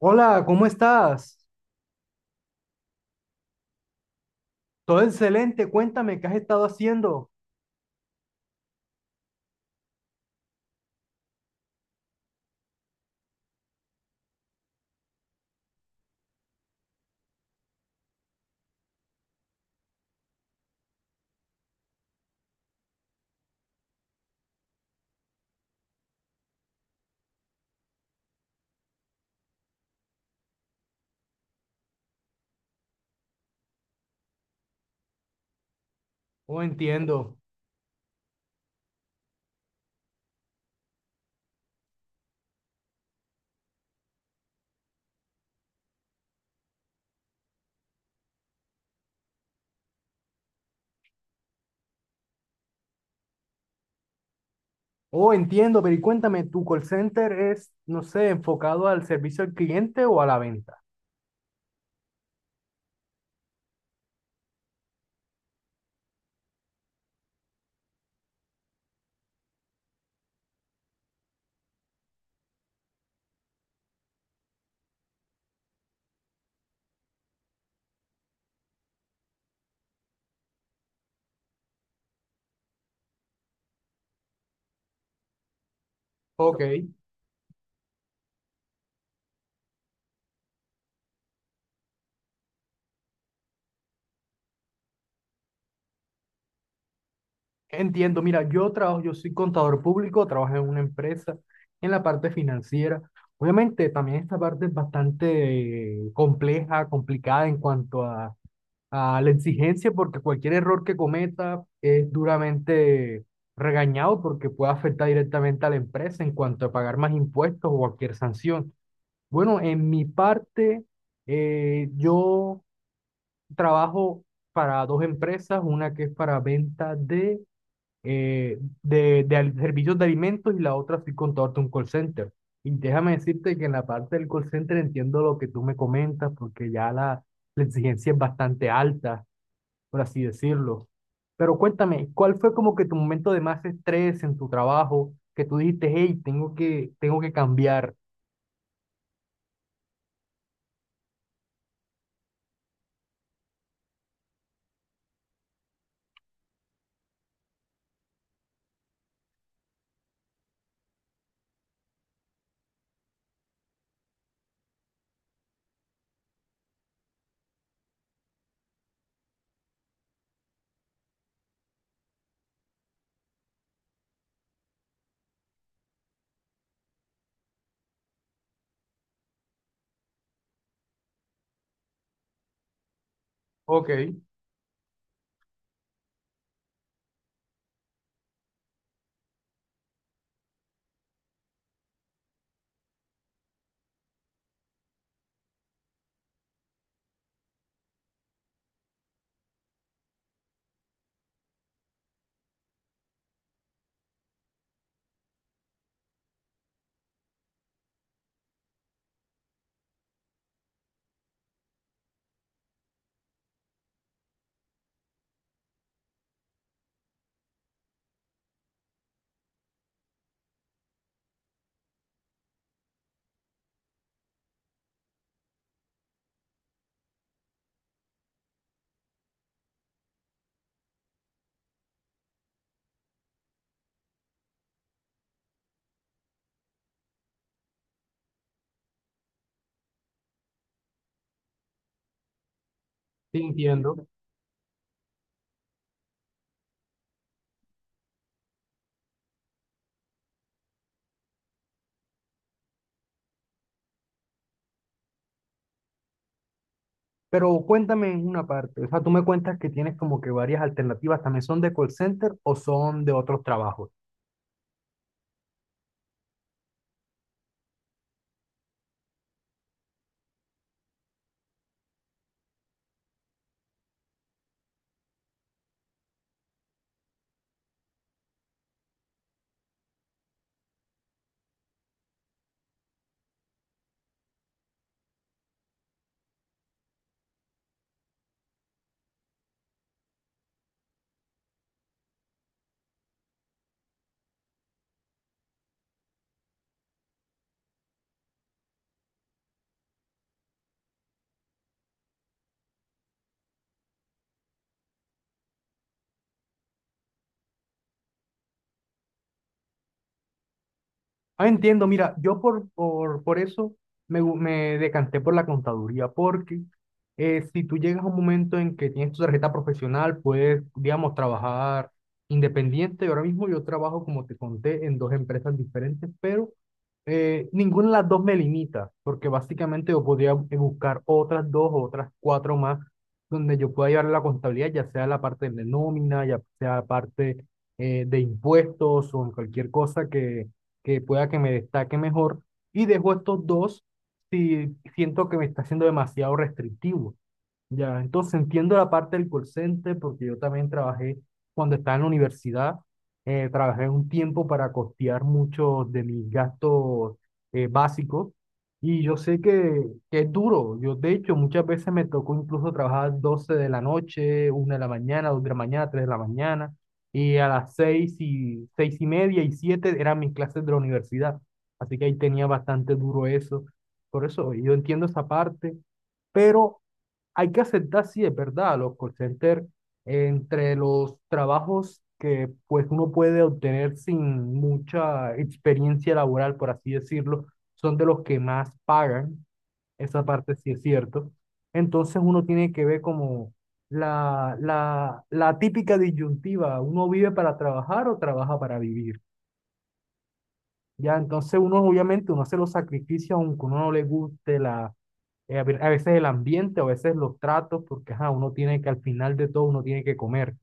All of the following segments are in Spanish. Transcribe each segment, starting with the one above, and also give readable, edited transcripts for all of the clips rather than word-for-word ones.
Hola, ¿cómo estás? Todo excelente, cuéntame qué has estado haciendo. Oh, entiendo. Oh, entiendo, pero y cuéntame, ¿tu call center es, no sé, enfocado al servicio al cliente o a la venta? Ok, entiendo. Mira, yo trabajo, yo soy contador público, trabajo en una empresa en la parte financiera. Obviamente, también esta parte es bastante compleja, complicada en cuanto a la exigencia porque cualquier error que cometa es duramente regañado porque puede afectar directamente a la empresa en cuanto a pagar más impuestos o cualquier sanción. Bueno, en mi parte, yo trabajo para dos empresas, una que es para venta de servicios de alimentos y la otra soy contador de un call center. Y déjame decirte que en la parte del call center entiendo lo que tú me comentas porque ya la exigencia es bastante alta por así decirlo. Pero cuéntame, ¿cuál fue como que tu momento de más estrés en tu trabajo que tú dijiste, hey, tengo que cambiar? Ok, sí, entiendo. Pero cuéntame en una parte, o sea, tú me cuentas que tienes como que varias alternativas, ¿también son de call center o son de otros trabajos? Ah, entiendo, mira, yo por eso me decanté por la contaduría, porque si tú llegas a un momento en que tienes tu tarjeta profesional, puedes, digamos, trabajar independiente. Ahora mismo yo trabajo, como te conté, en dos empresas diferentes, pero ninguna de las dos me limita, porque básicamente yo podría buscar otras dos o otras cuatro más donde yo pueda llevar la contabilidad, ya sea la parte de nómina, ya sea la parte de impuestos o en cualquier cosa que pueda que me destaque mejor y dejo estos dos si siento que me está siendo demasiado restrictivo. Ya, entonces entiendo la parte del call center porque yo también trabajé cuando estaba en la universidad, trabajé un tiempo para costear muchos de mis gastos básicos y yo sé que es duro. Yo, de hecho, muchas veces me tocó incluso trabajar 12 de la noche, 1 de la mañana, 2 de la mañana, 3 de la mañana y a las 6 y 6:30 y 7 eran mis clases de la universidad. Así que ahí tenía bastante duro eso. Por eso yo entiendo esa parte. Pero hay que aceptar, sí, es verdad, los call centers, entre los trabajos que pues uno puede obtener sin mucha experiencia laboral, por así decirlo, son de los que más pagan, esa parte sí es cierto. Entonces uno tiene que ver como la típica disyuntiva, uno vive para trabajar o trabaja para vivir. Ya, entonces uno obviamente uno hace los sacrificios aunque uno no le guste a veces el ambiente, a veces los tratos, porque ajá, uno tiene que al final de todo uno tiene que comer.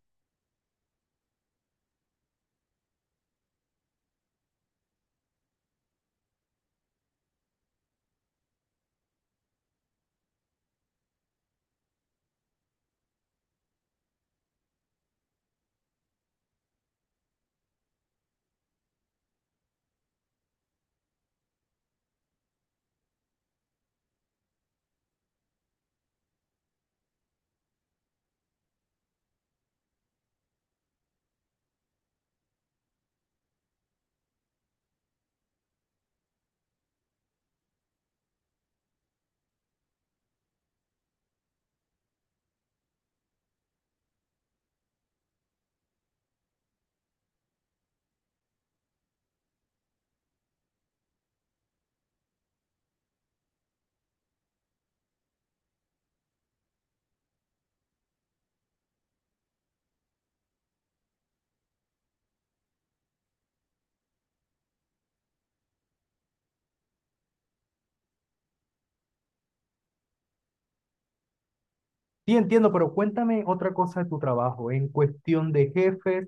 Sí, entiendo, pero cuéntame otra cosa de tu trabajo, en cuestión de jefes,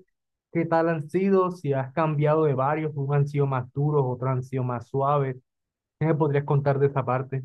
¿qué tal han sido? Si has cambiado de varios, unos han sido más duros, otros han sido más suaves. ¿Qué me podrías contar de esa parte?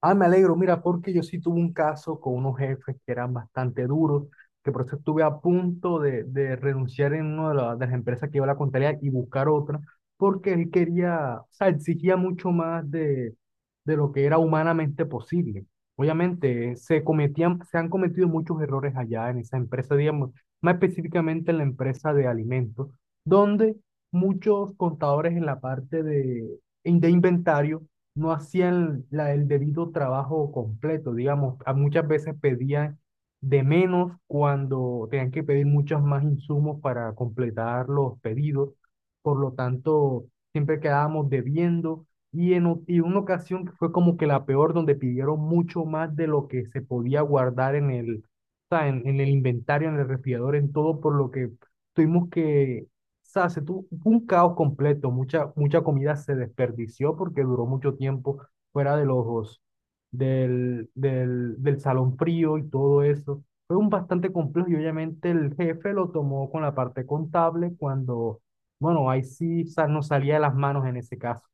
Ah, me alegro, mira, porque yo sí tuve un caso con unos jefes que eran bastante duros, que por eso estuve a punto de renunciar en una de las empresas que iba a la contabilidad y buscar otra, porque él quería, o sea, exigía mucho más de lo que era humanamente posible. Obviamente, se han cometido muchos errores allá en esa empresa, digamos, más específicamente en la empresa de alimentos, donde muchos contadores en la parte de inventario no hacían el debido trabajo completo, digamos, a muchas veces pedían de menos cuando tenían que pedir muchos más insumos para completar los pedidos, por lo tanto, siempre quedábamos debiendo y y una ocasión que fue como que la peor, donde pidieron mucho más de lo que se podía guardar o sea, en el inventario, en el refrigerador, en todo, por lo que tuvimos que o sea, se tuvo fue un caos completo, mucha comida se desperdició porque duró mucho tiempo fuera de los, del salón frío y todo eso. Fue un bastante complejo y obviamente el jefe lo tomó con la parte contable cuando, bueno, ahí sí nos salía de las manos en ese caso.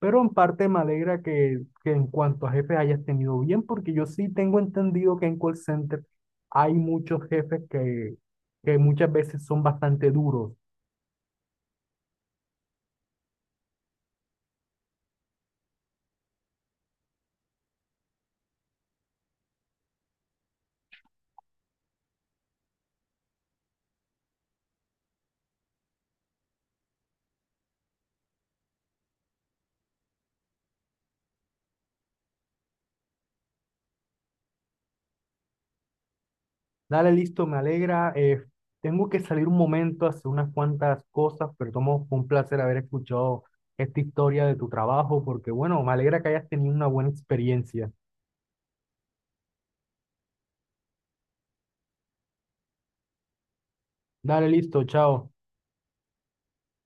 Pero en parte me alegra que en cuanto a jefes hayas tenido bien, porque yo sí tengo entendido que en call center hay muchos jefes que muchas veces son bastante duros. Dale, listo, me alegra. Tengo que salir un momento a hacer unas cuantas cosas, pero tomo fue un placer haber escuchado esta historia de tu trabajo, porque bueno, me alegra que hayas tenido una buena experiencia. Dale, listo, chao.